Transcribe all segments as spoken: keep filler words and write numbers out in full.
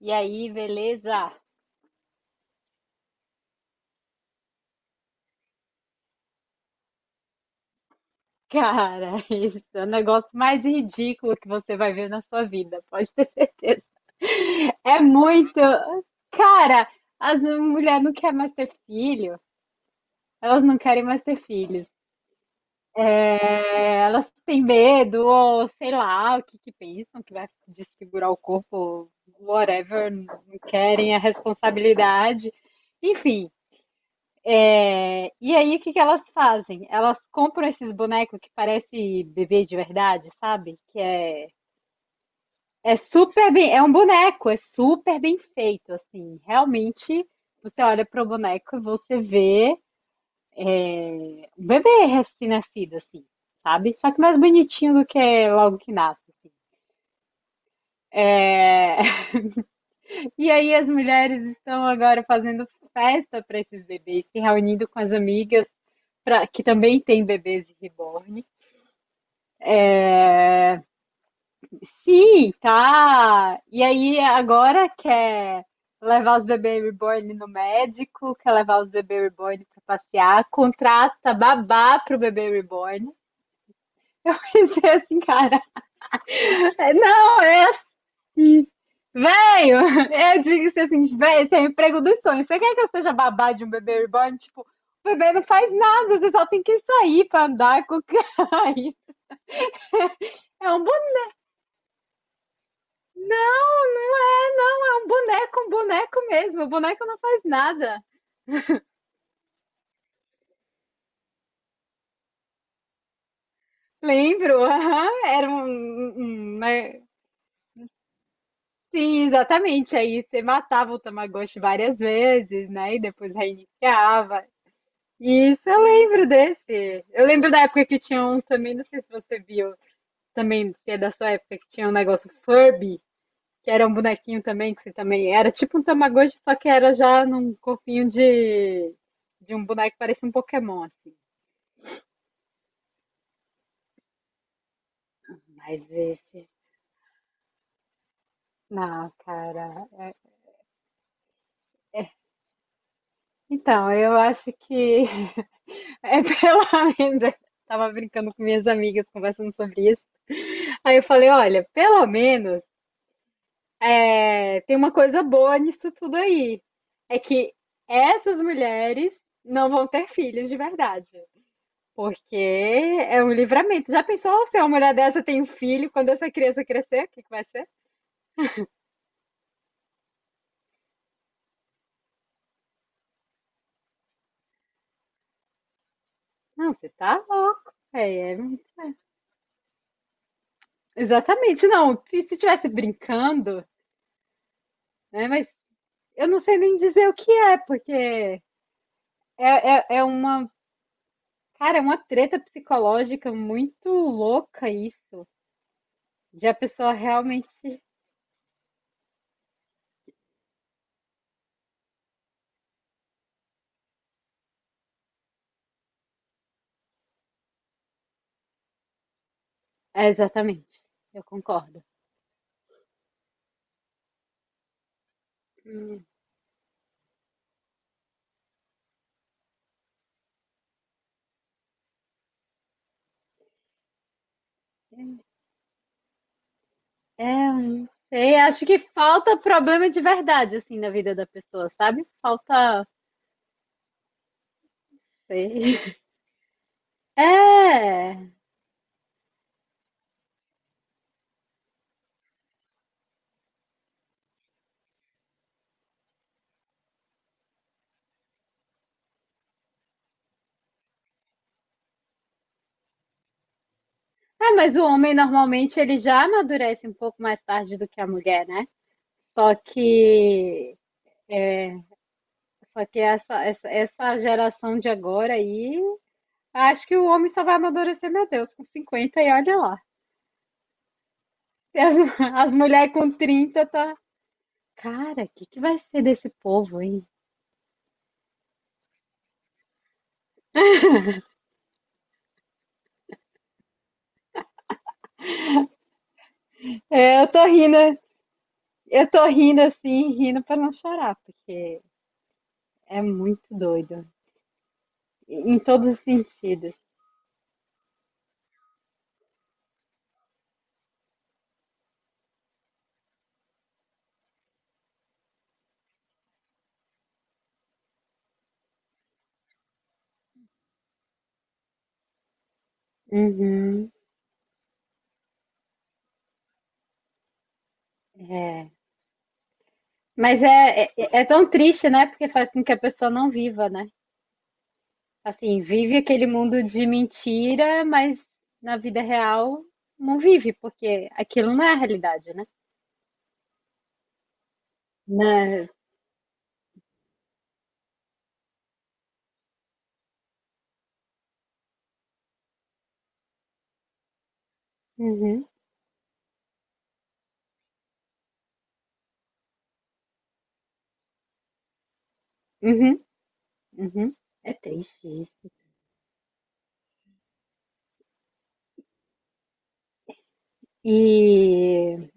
E aí, beleza? Cara, isso é o negócio mais ridículo que você vai ver na sua vida, pode ter certeza. É muito. Cara, as mulheres não querem mais ter filho, elas não querem mais ter filhos. É, elas têm medo, ou sei lá, o que que pensam, que vai desfigurar o corpo, whatever, não querem a responsabilidade. Enfim. É, e aí, o que que elas fazem? Elas compram esses bonecos que parece bebês de verdade, sabe? Que é, é super bem, é um boneco, é super bem feito, assim. Realmente, você olha pro boneco e você vê um bebê recém-nascido, assim, sabe? Só que mais bonitinho do que logo que nasce, assim. É. E aí, as mulheres estão agora fazendo festa para esses bebês, se reunindo com as amigas pra- que também têm bebês de reborn. Sim, tá. E aí agora quer levar os bebês reborn no médico, quer levar os bebês reborn pra passear, contrata babá pro bebê reborn. Eu pensei assim, cara, é, não, é assim, velho, é, eu disse assim, velho, esse é o emprego dos sonhos. Você quer que eu seja babá de um bebê reborn? Tipo, o bebê não faz nada, você só tem que sair pra andar com o cara. É um Não, não é, não, é um boneco, um boneco mesmo. O boneco não faz nada. Lembro, aham, era um, um- uma- Sim, exatamente. Aí você matava o Tamagotchi várias vezes, né? E depois reiniciava. Isso eu lembro desse. Eu lembro da época que tinha um também, não sei se você viu, também, se é da sua época, que tinha um negócio Furby, que era um bonequinho também, que você também era tipo um Tamagotchi, só que era já num corpinho de, de um boneco que parecia um Pokémon, assim. Mas esse. Não, cara, é- então, eu acho que é pelo menos. Eu tava brincando com minhas amigas, conversando sobre isso. Aí eu falei: olha, pelo menos é, tem uma coisa boa nisso tudo aí. É que essas mulheres não vão ter filhos de verdade. Porque é um livramento. Já pensou: "Oh, se uma mulher dessa tem um filho, quando essa criança crescer, o que que vai ser?" Não, você tá louco. É, é- exatamente, não. E se estivesse brincando, né? Mas eu não sei nem dizer o que é, porque é, é, é uma, cara, é uma treta psicológica muito louca isso, de a pessoa realmente. É, exatamente, eu concordo. Hum. É, eu não sei, acho que falta problema de verdade, assim, na vida da pessoa, sabe? Falta. Não sei. É. É, mas o homem normalmente ele já amadurece um pouco mais tarde do que a mulher, né? Só que Só que essa, essa, essa geração de agora aí, acho que o homem só vai amadurecer, meu Deus, com cinquenta e olha lá. E as, as mulheres com trinta tá. Cara, o que, que vai ser desse povo, aí? É, eu tô rindo, eu tô rindo assim, rindo pra não chorar, porque é muito doido. Em todos os sentidos. Uhum, é. Mas é, é, é tão triste, né? Porque faz com que a pessoa não viva, né? Assim, vive aquele mundo de mentira, mas na vida real não vive, porque aquilo não é a realidade, né? Na... Uhum, uhum, uhum. É triste isso. E,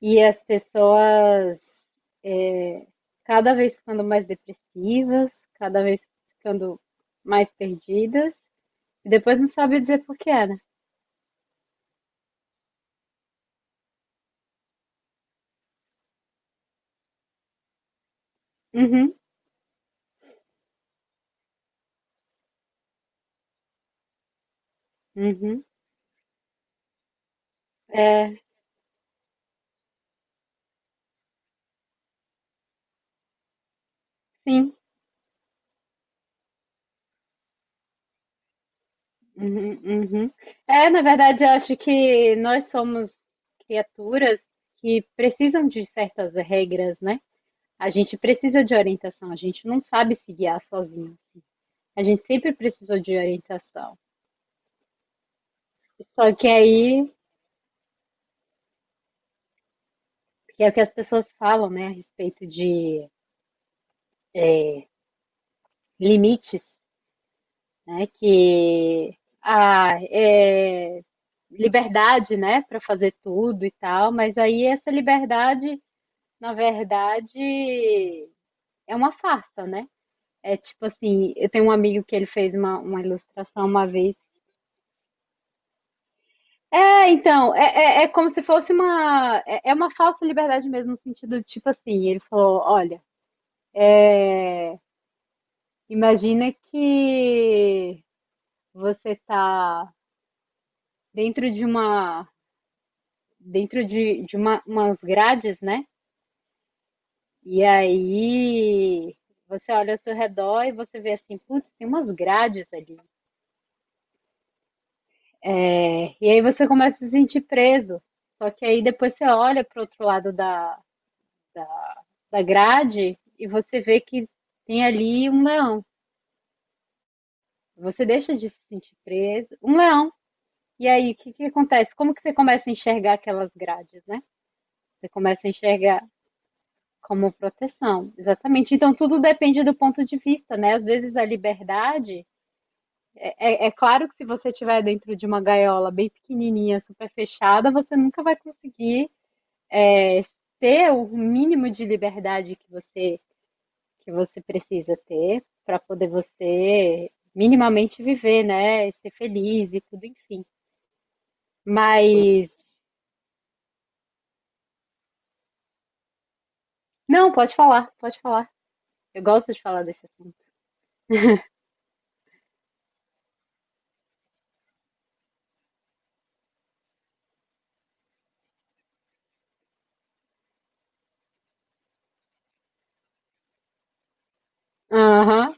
e as pessoas, é, cada vez ficando mais depressivas, cada vez ficando mais perdidas, e depois não sabe dizer por que é, né? Uhum, uhum. É, sim. Uhum, uhum. É, na verdade, eu acho que nós somos criaturas que precisam de certas regras, né? A gente precisa de orientação, a gente não sabe se guiar sozinho, assim. A gente sempre precisou de orientação. Só que aí, que é o que as pessoas falam, né, a respeito de limites, né? Que a é liberdade, né, para fazer tudo e tal, mas aí essa liberdade, na verdade, é uma farsa, né. É tipo assim, eu tenho um amigo que ele fez uma uma ilustração uma vez é, então, é é é como se fosse uma é é uma falsa liberdade mesmo, no sentido de tipo assim, ele falou: "Olha, eh, imagina que você tá dentro de uma dentro de de uma umas grades, né, e aí você olha ao seu redor e você vê assim: 'Putz, tem umas grades ali'". É, e aí você começa a se sentir preso. Só que aí depois você olha para o outro lado da, da grade e você vê que tem ali um leão. Você deixa de se sentir preso. Um leão. E aí, o que que acontece? Como que você começa a enxergar aquelas grades, né? Você começa a enxergar como proteção, exatamente. Então, tudo depende do ponto de vista, né? Às vezes a liberdade, é, é claro que se você estiver dentro de uma gaiola bem pequenininha, super fechada, você nunca vai conseguir ter o mínimo de liberdade que você que você precisa ter para poder você minimamente viver, né? Ser feliz e tudo, enfim. Mas não, pode falar, pode falar. Eu gosto de falar desse assunto. Aham,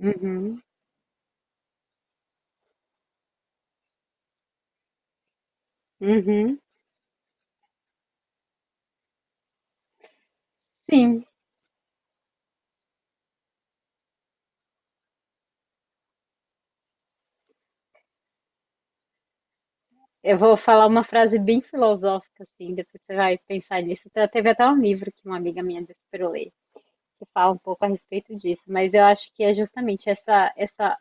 uhum, uhum, sim. Eu vou falar uma frase bem filosófica, assim, depois você vai pensar nisso. Até- Teve até um livro que uma amiga minha disse para eu ler, que fala um pouco a respeito disso, mas eu acho que é justamente essa, essa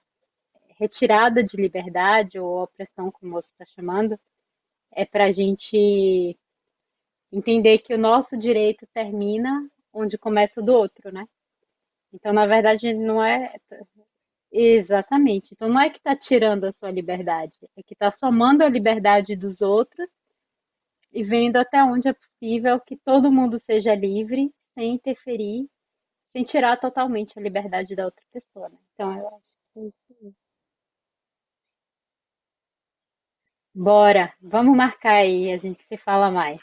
retirada de liberdade ou opressão, como você está chamando, é para a gente entender que o nosso direito termina onde começa o do outro, né? Então, na verdade, não é exatamente. Então, não é que está tirando a sua liberdade, é que está somando a liberdade dos outros e vendo até onde é possível que todo mundo seja livre, sem interferir, sem tirar totalmente a liberdade da outra pessoa. Né? Então, eu acho que bora, vamos marcar aí, a gente se fala mais.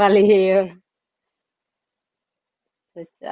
Valeu. Tchau, tchau.